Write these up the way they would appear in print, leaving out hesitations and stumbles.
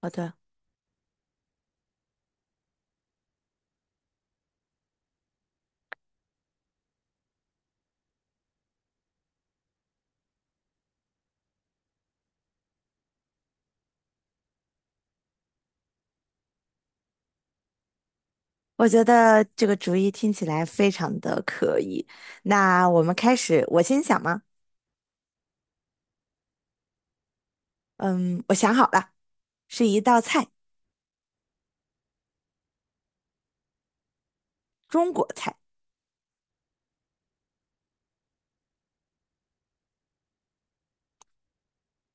好的，我觉得这个主意听起来非常的可以。那我们开始，我先想吗？嗯，我想好了，是一道菜，中国菜，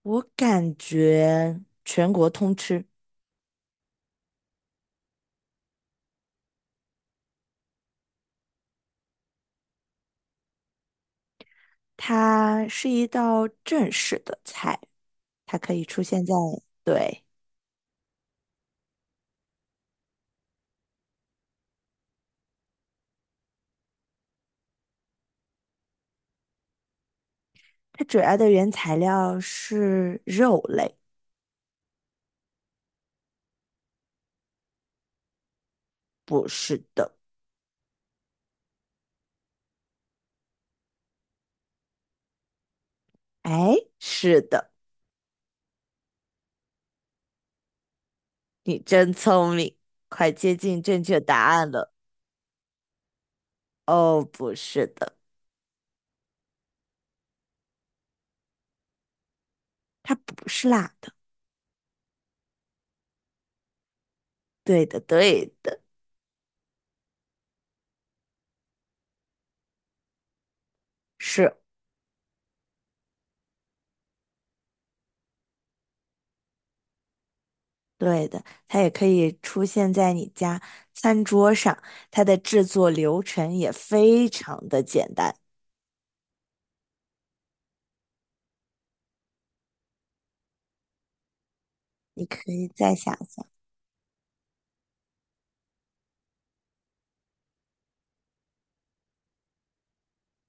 我感觉全国通吃。它是一道正式的菜，它可以出现在，对，它主要的原材料是肉类，不是的。哎，是的，你真聪明，快接近正确答案了。哦，不是的。它不是辣的。对的，对的，是对的。它也可以出现在你家餐桌上，它的制作流程也非常的简单。你可以再想想。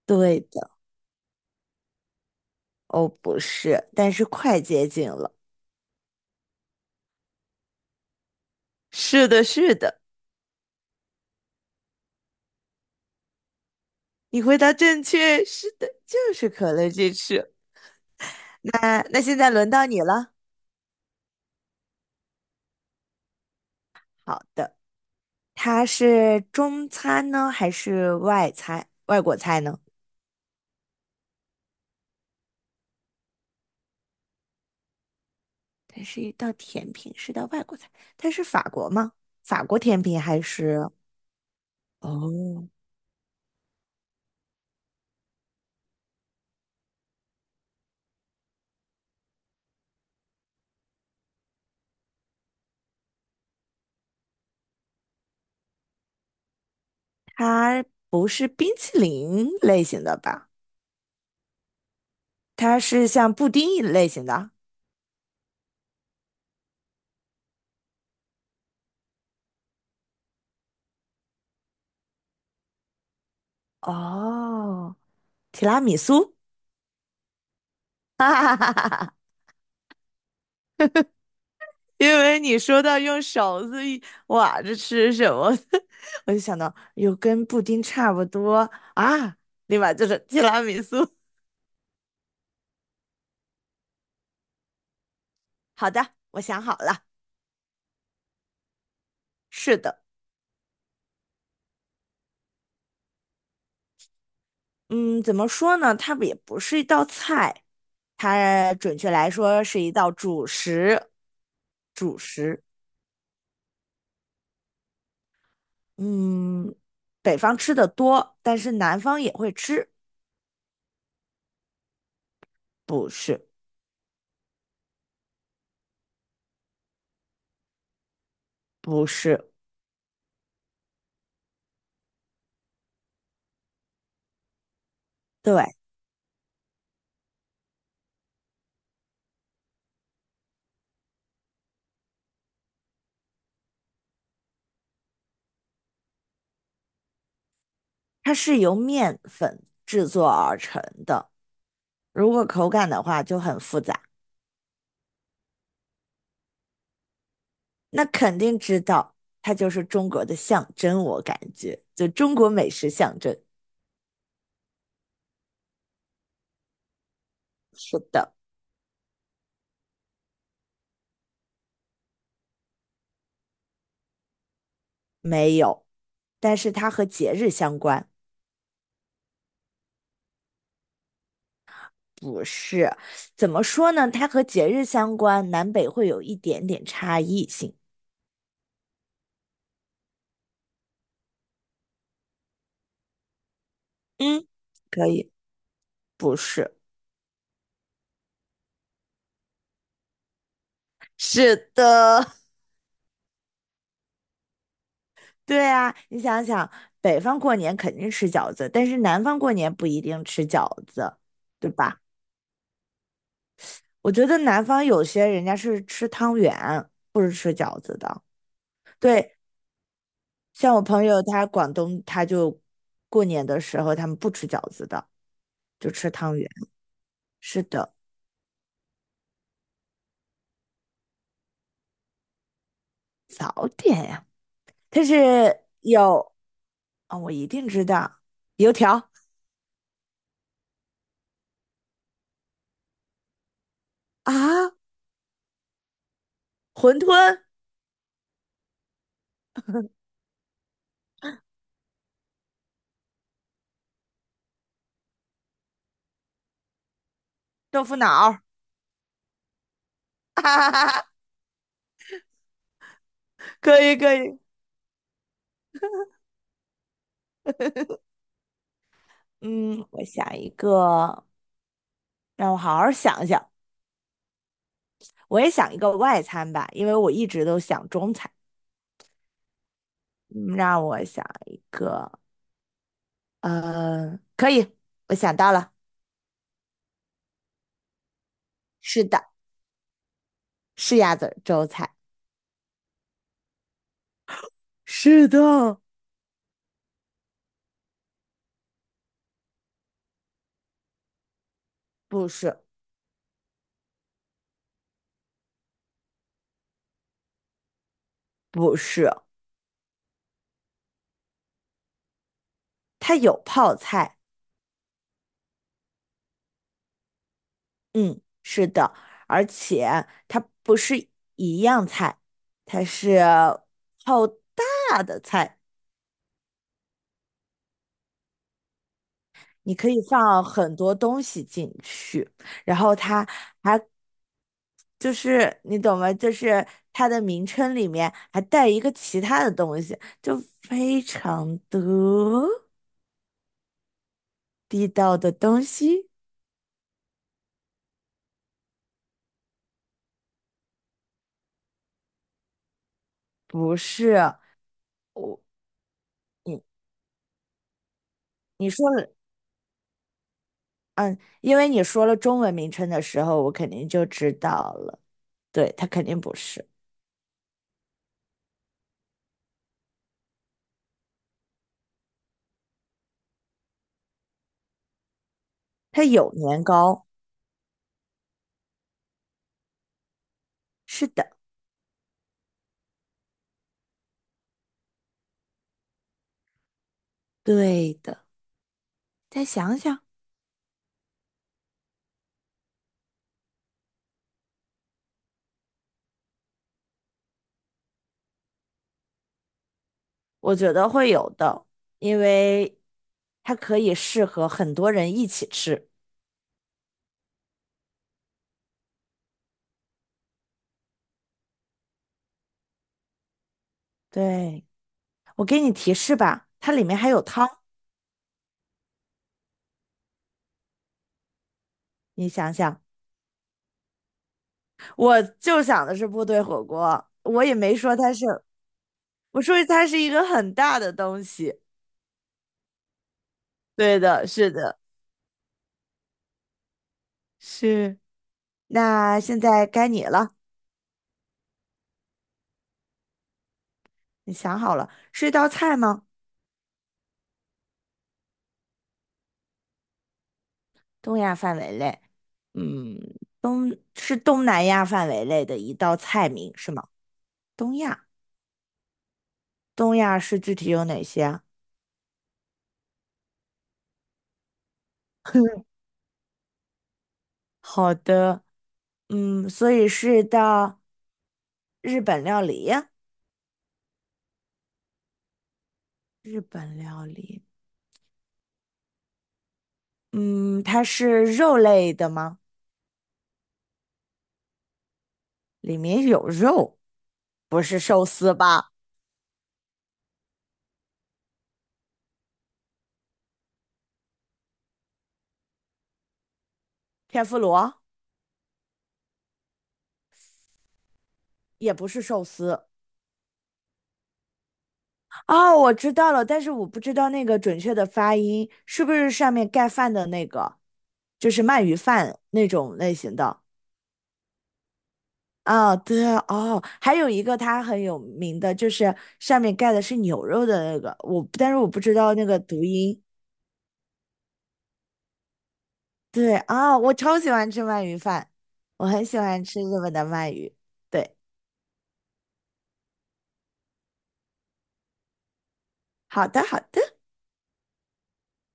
对的，哦，不是，但是快接近了。是的，是的，你回答正确，是的，就是可乐鸡翅。那现在轮到你了。好的，它是中餐呢，还是外餐，外国菜呢？它是一道甜品，是道外国菜。它是法国吗？法国甜品还是？哦，它不是冰淇淋类型的吧？它是像布丁一类型的。哦，提拉米苏。哈哈哈哈哈！因为你说到用勺子一挖着吃什么，我就想到有跟布丁差不多啊，立马就是提拉米苏。好的，我想好了。是的。嗯，怎么说呢？它也不是一道菜，它准确来说是一道主食。主食，嗯，北方吃的多，但是南方也会吃。不是，不是，对，它是由面粉制作而成的。如果口感的话就很复杂，那肯定知道，它就是中国的象征，我感觉，就中国美食象征。是的，没有，但是它和节日相关。不是，怎么说呢？它和节日相关，南北会有一点点差异性。嗯，可以。不是，是的，对啊，你想想，北方过年肯定吃饺子，但是南方过年不一定吃饺子，对吧？我觉得南方有些人家是吃汤圆，不是吃饺子的。对，像我朋友他广东，他就过年的时候他们不吃饺子的，就吃汤圆。是的，早点呀。它是有啊、我一定知道，油条啊，馄饨、豆腐脑儿啊，可以可以，嗯，我想一个，让我好好想一想，我也想一个外餐吧，因为我一直都想中餐，嗯，让我想，可以，我想到了，是的，是鸭子儿粥菜，是的，不是不是，它有泡菜。嗯，是的，而且它不是一样菜，它是好大的菜，你可以放很多东西进去，然后它还就是你懂吗？就是它的名称里面还带一个其他的东西，就非常的地道的东西，不是我你你说了，嗯，因为你说了中文名称的时候，我肯定就知道了。对，它肯定不是，它有年糕，是的，对的。再想想，我觉得会有的，因为它可以适合很多人一起吃。对，我给你提示吧，它里面还有汤，你想想，我就想的是部队火锅，我也没说它是，我说它是一个很大的东西。对的，是的，是。那现在该你了，你想好了，是一道菜吗？东亚范围内。嗯，东是东南亚范围内的一道菜名是吗？东亚，东亚是具体有哪些啊 好的，嗯，所以是到日本料理，日本料理，嗯，它是肉类的吗？里面有肉，不是寿司吧？天妇罗也不是寿司。哦，我知道了，但是我不知道那个准确的发音是不是上面盖饭的那个，就是鳗鱼饭那种类型的。啊、对哦，还有一个它很有名的，就是上面盖的是牛肉的那个，我但是我不知道那个读音。对啊、我超喜欢吃鳗鱼饭，我很喜欢吃日本的鳗鱼。对，好的，好的。